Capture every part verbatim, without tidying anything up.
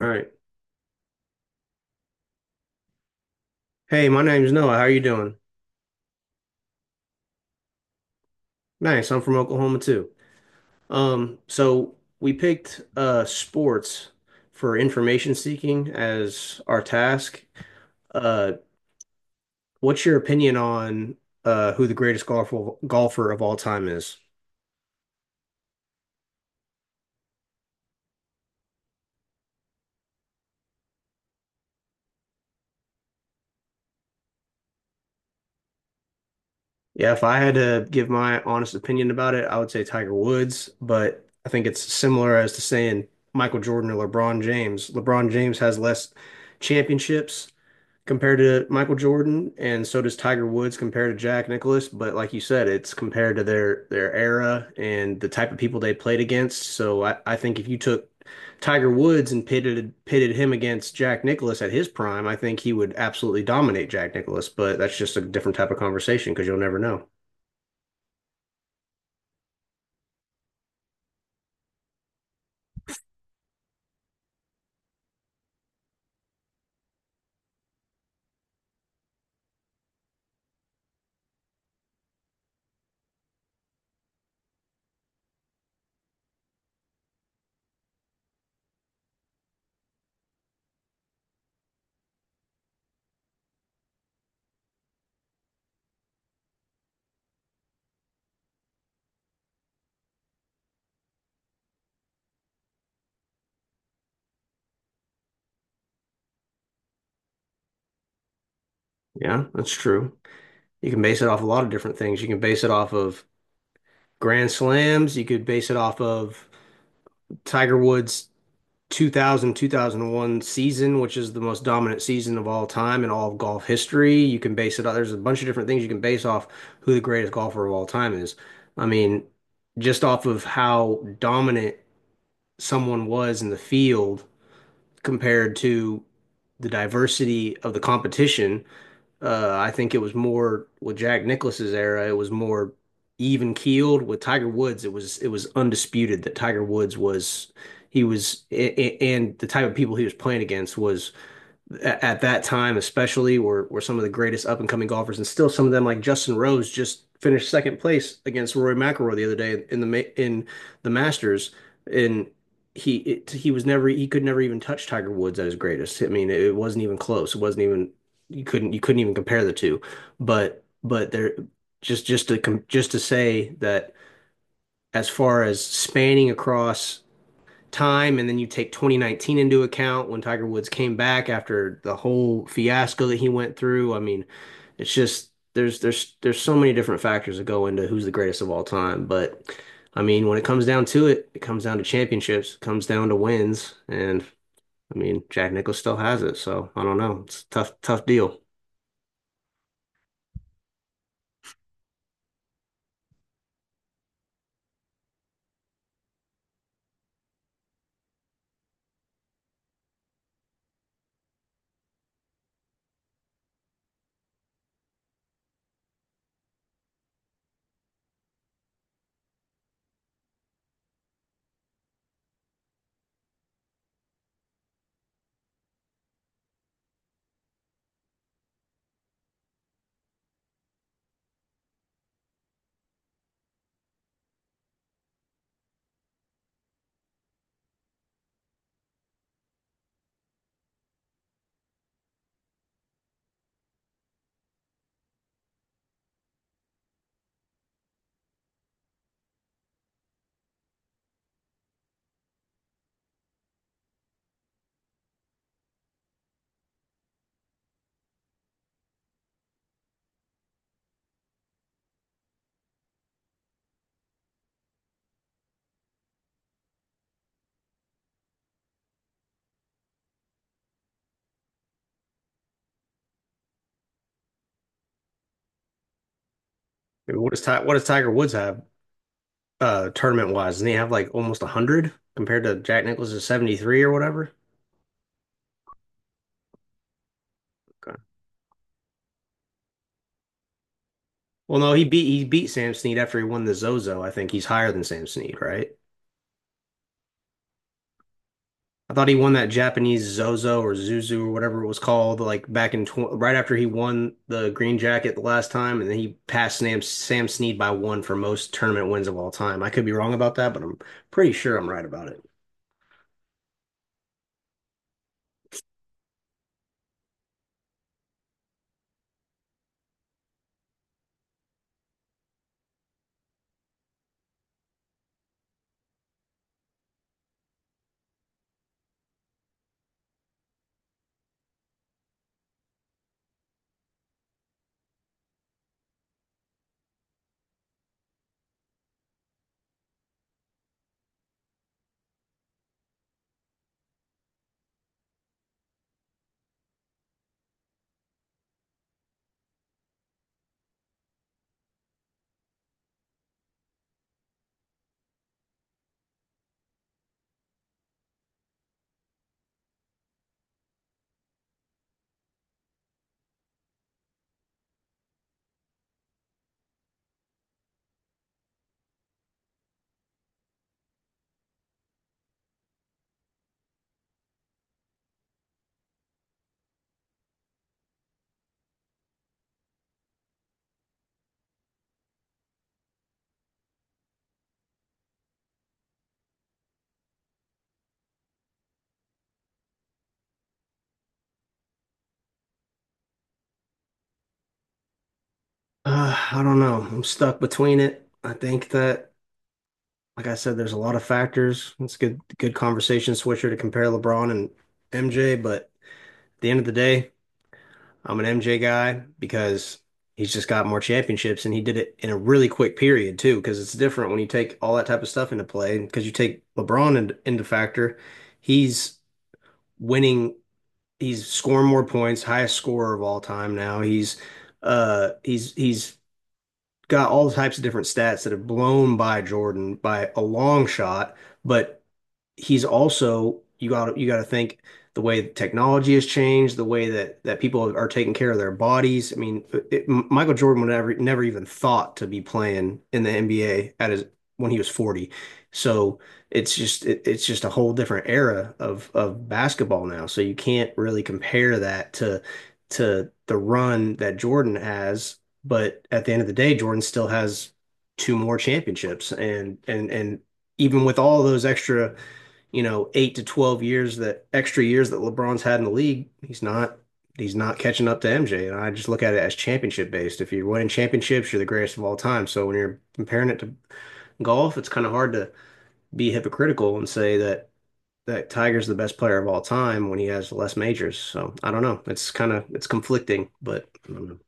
All right. Hey, my name's Noah. How you doing? Nice. I'm from Oklahoma too. Um, so we picked uh sports for information seeking as our task. Uh, what's your opinion on uh who the greatest golfer golfer of all time is? Yeah, if I had to give my honest opinion about it, I would say Tiger Woods, but I think it's similar as to saying Michael Jordan or LeBron James. LeBron James has less championships compared to Michael Jordan, and so does Tiger Woods compared to Jack Nicklaus. But like you said, it's compared to their their era and the type of people they played against. So I, I think if you took Tiger Woods and pitted pitted him against Jack Nicklaus at his prime, I think he would absolutely dominate Jack Nicklaus. But that's just a different type of conversation because you'll never know. Yeah, that's true. You can base it off a lot of different things. You can base it off of Grand Slams. You could base it off of Tiger Woods two thousand two thousand one season, which is the most dominant season of all time in all of golf history. You can base it on, there's a bunch of different things you can base off who the greatest golfer of all time is. I mean, just off of how dominant someone was in the field compared to the diversity of the competition. uh, I think it was more with Jack Nicklaus's era, it was more even keeled. With Tiger Woods, it was it was undisputed that Tiger Woods was he was a- a- and the type of people he was playing against was at, at that time, especially, were were some of the greatest up and coming golfers, and still some of them, like Justin Rose, just finished second place against Rory McIlroy the other day in the in the Masters, and he it, he was never he could never even touch Tiger Woods at his greatest. I mean, it wasn't even close. It wasn't even you couldn't you couldn't even compare the two, but but there just just to com just to say that as far as spanning across time, and then you take twenty nineteen into account when Tiger Woods came back after the whole fiasco that he went through. I mean, it's just there's there's there's so many different factors that go into who's the greatest of all time, but I mean, when it comes down to it, it comes down to championships, it comes down to wins, and I mean, Jack Nicklaus still has it, so I don't know. It's a tough tough deal. I mean, what does Ti- what does Tiger Woods have uh tournament wise? Doesn't he have like almost one hundred compared to Jack Nicklaus's seventy three or whatever? Well, no, he beat he beat Sam Snead after he won the Zozo. I think he's higher than Sam Snead, right? I thought he won that Japanese Zozo or Zuzu or whatever it was called, like back in tw right after he won the green jacket the last time, and then he passed Sam Sam Snead by one for most tournament wins of all time. I could be wrong about that, but I'm pretty sure I'm right about it. Uh, I don't know. I'm stuck between it. I think that, like I said, there's a lot of factors. It's a good good conversation switcher to compare LeBron and M J, but at the end of the day, I'm an M J guy because he's just got more championships and he did it in a really quick period too, because it's different when you take all that type of stuff into play. Because you take LeBron in, into factor, he's winning, he's scoring more points, highest scorer of all time now. He's uh he's he's got all types of different stats that have blown by Jordan by a long shot, but he's also you got you got to think the way that technology has changed, the way that that people are taking care of their bodies. I mean, it, Michael Jordan would never never even thought to be playing in the N B A at his when he was forty. So it's just it, it's just a whole different era of of basketball now. So you can't really compare that to to the run that Jordan has, but at the end of the day, Jordan still has two more championships, and and and even with all those extra you know, eight to twelve years that extra years that LeBron's had in the league, he's not he's not catching up to M J. And I just look at it as championship based. If you're winning championships, you're the greatest of all time. So when you're comparing it to golf, it's kind of hard to be hypocritical and say that that Tiger's the best player of all time when he has less majors. So I don't know. It's kind of it's conflicting, but um,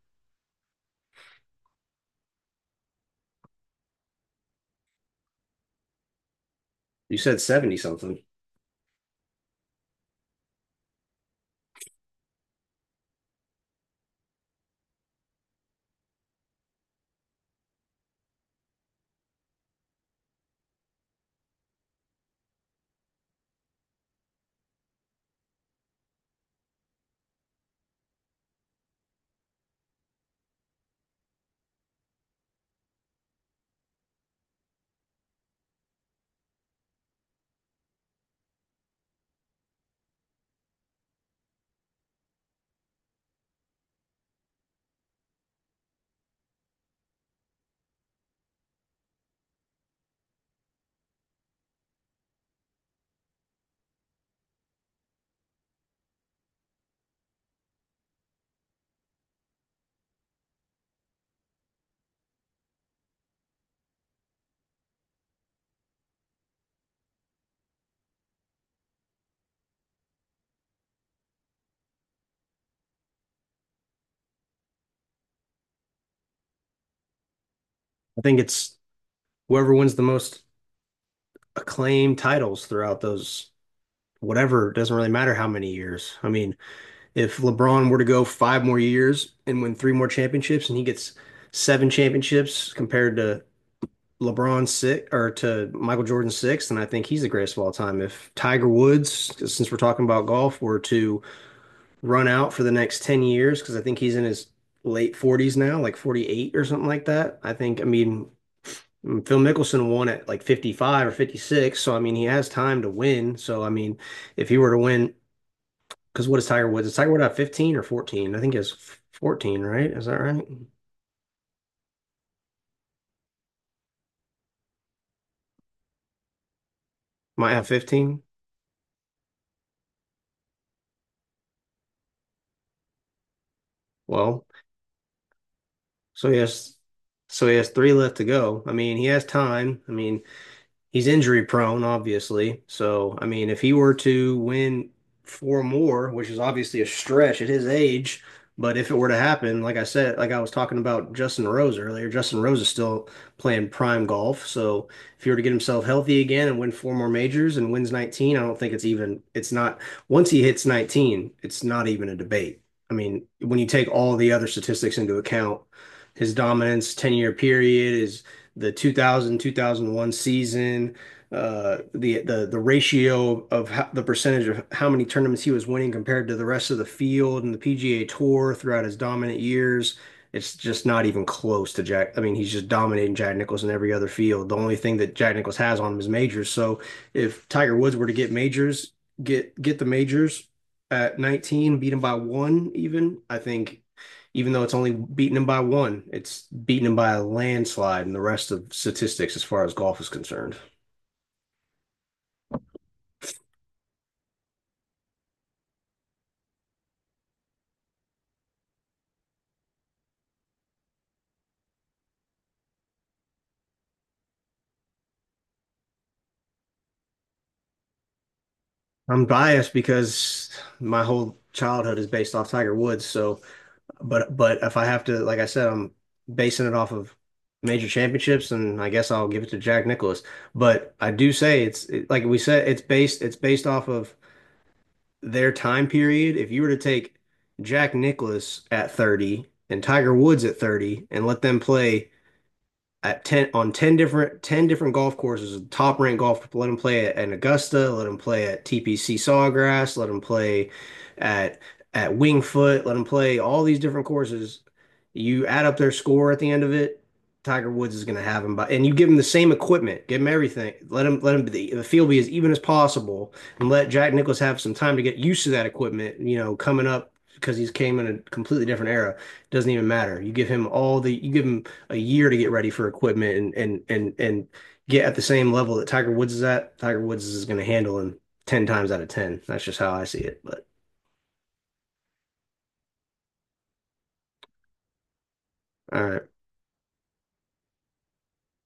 you said seventy something. I think it's whoever wins the most acclaimed titles throughout those whatever, it doesn't really matter how many years. I mean, if LeBron were to go five more years and win three more championships and he gets seven championships compared to LeBron six or to Michael Jordan six, then I think he's the greatest of all time. If Tiger Woods, since we're talking about golf, were to run out for the next ten years, because I think he's in his late forties now, like forty eight or something like that, I think, I mean, Phil Mickelson won at like fifty five or fifty six, so I mean, he has time to win. So, I mean, if he were to win because what is Tiger Woods? Is Tiger Woods at fifteen or fourteen? I think it's fourteen, right? Is that right? Might have fifteen. Well, so he has so he has three left to go. I mean, he has time. I mean, he's injury prone, obviously. So, I mean, if he were to win four more, which is obviously a stretch at his age, but if it were to happen, like I said, like I was talking about Justin Rose earlier, Justin Rose is still playing prime golf. So, if he were to get himself healthy again and win four more majors and wins nineteen, I don't think it's even, it's not, once he hits nineteen, it's not even a debate. I mean, when you take all the other statistics into account, his dominance, ten year period, his the two thousand, two thousand one season, uh, the the the ratio of how, the percentage of how many tournaments he was winning compared to the rest of the field and the P G A Tour throughout his dominant years. It's just not even close to Jack. I mean, he's just dominating Jack Nicklaus in every other field. The only thing that Jack Nicklaus has on him is majors. So if Tiger Woods were to get majors, get get the majors at nineteen, beat him by one even, I think even though it's only beaten him by one, it's beaten him by a landslide in the rest of statistics as far as golf is concerned. I'm biased because my whole childhood is based off Tiger Woods. So, but but if I have to, like I said, I'm basing it off of major championships, and I guess I'll give it to Jack Nicklaus. But I do say it's it, like we said, it's based it's based off of their time period. If you were to take Jack Nicklaus at thirty and Tiger Woods at thirty and let them play at ten on ten different ten different golf courses, top ranked golf, let him play at, at Augusta, let him play at T P C Sawgrass, let him play at at Wingfoot, let him play all these different courses, you add up their score at the end of it, Tiger Woods is going to have him by, and you give him the same equipment, give him everything, let him let him the, the field be as even as possible, and let Jack Nicklaus have some time to get used to that equipment, you know, coming up because he's came in a completely different era, doesn't even matter, you give him all the you give him a year to get ready for equipment, and and and and get at the same level that Tiger Woods is at. Tiger Woods is going to handle him ten times out of ten. That's just how I see it. But all right.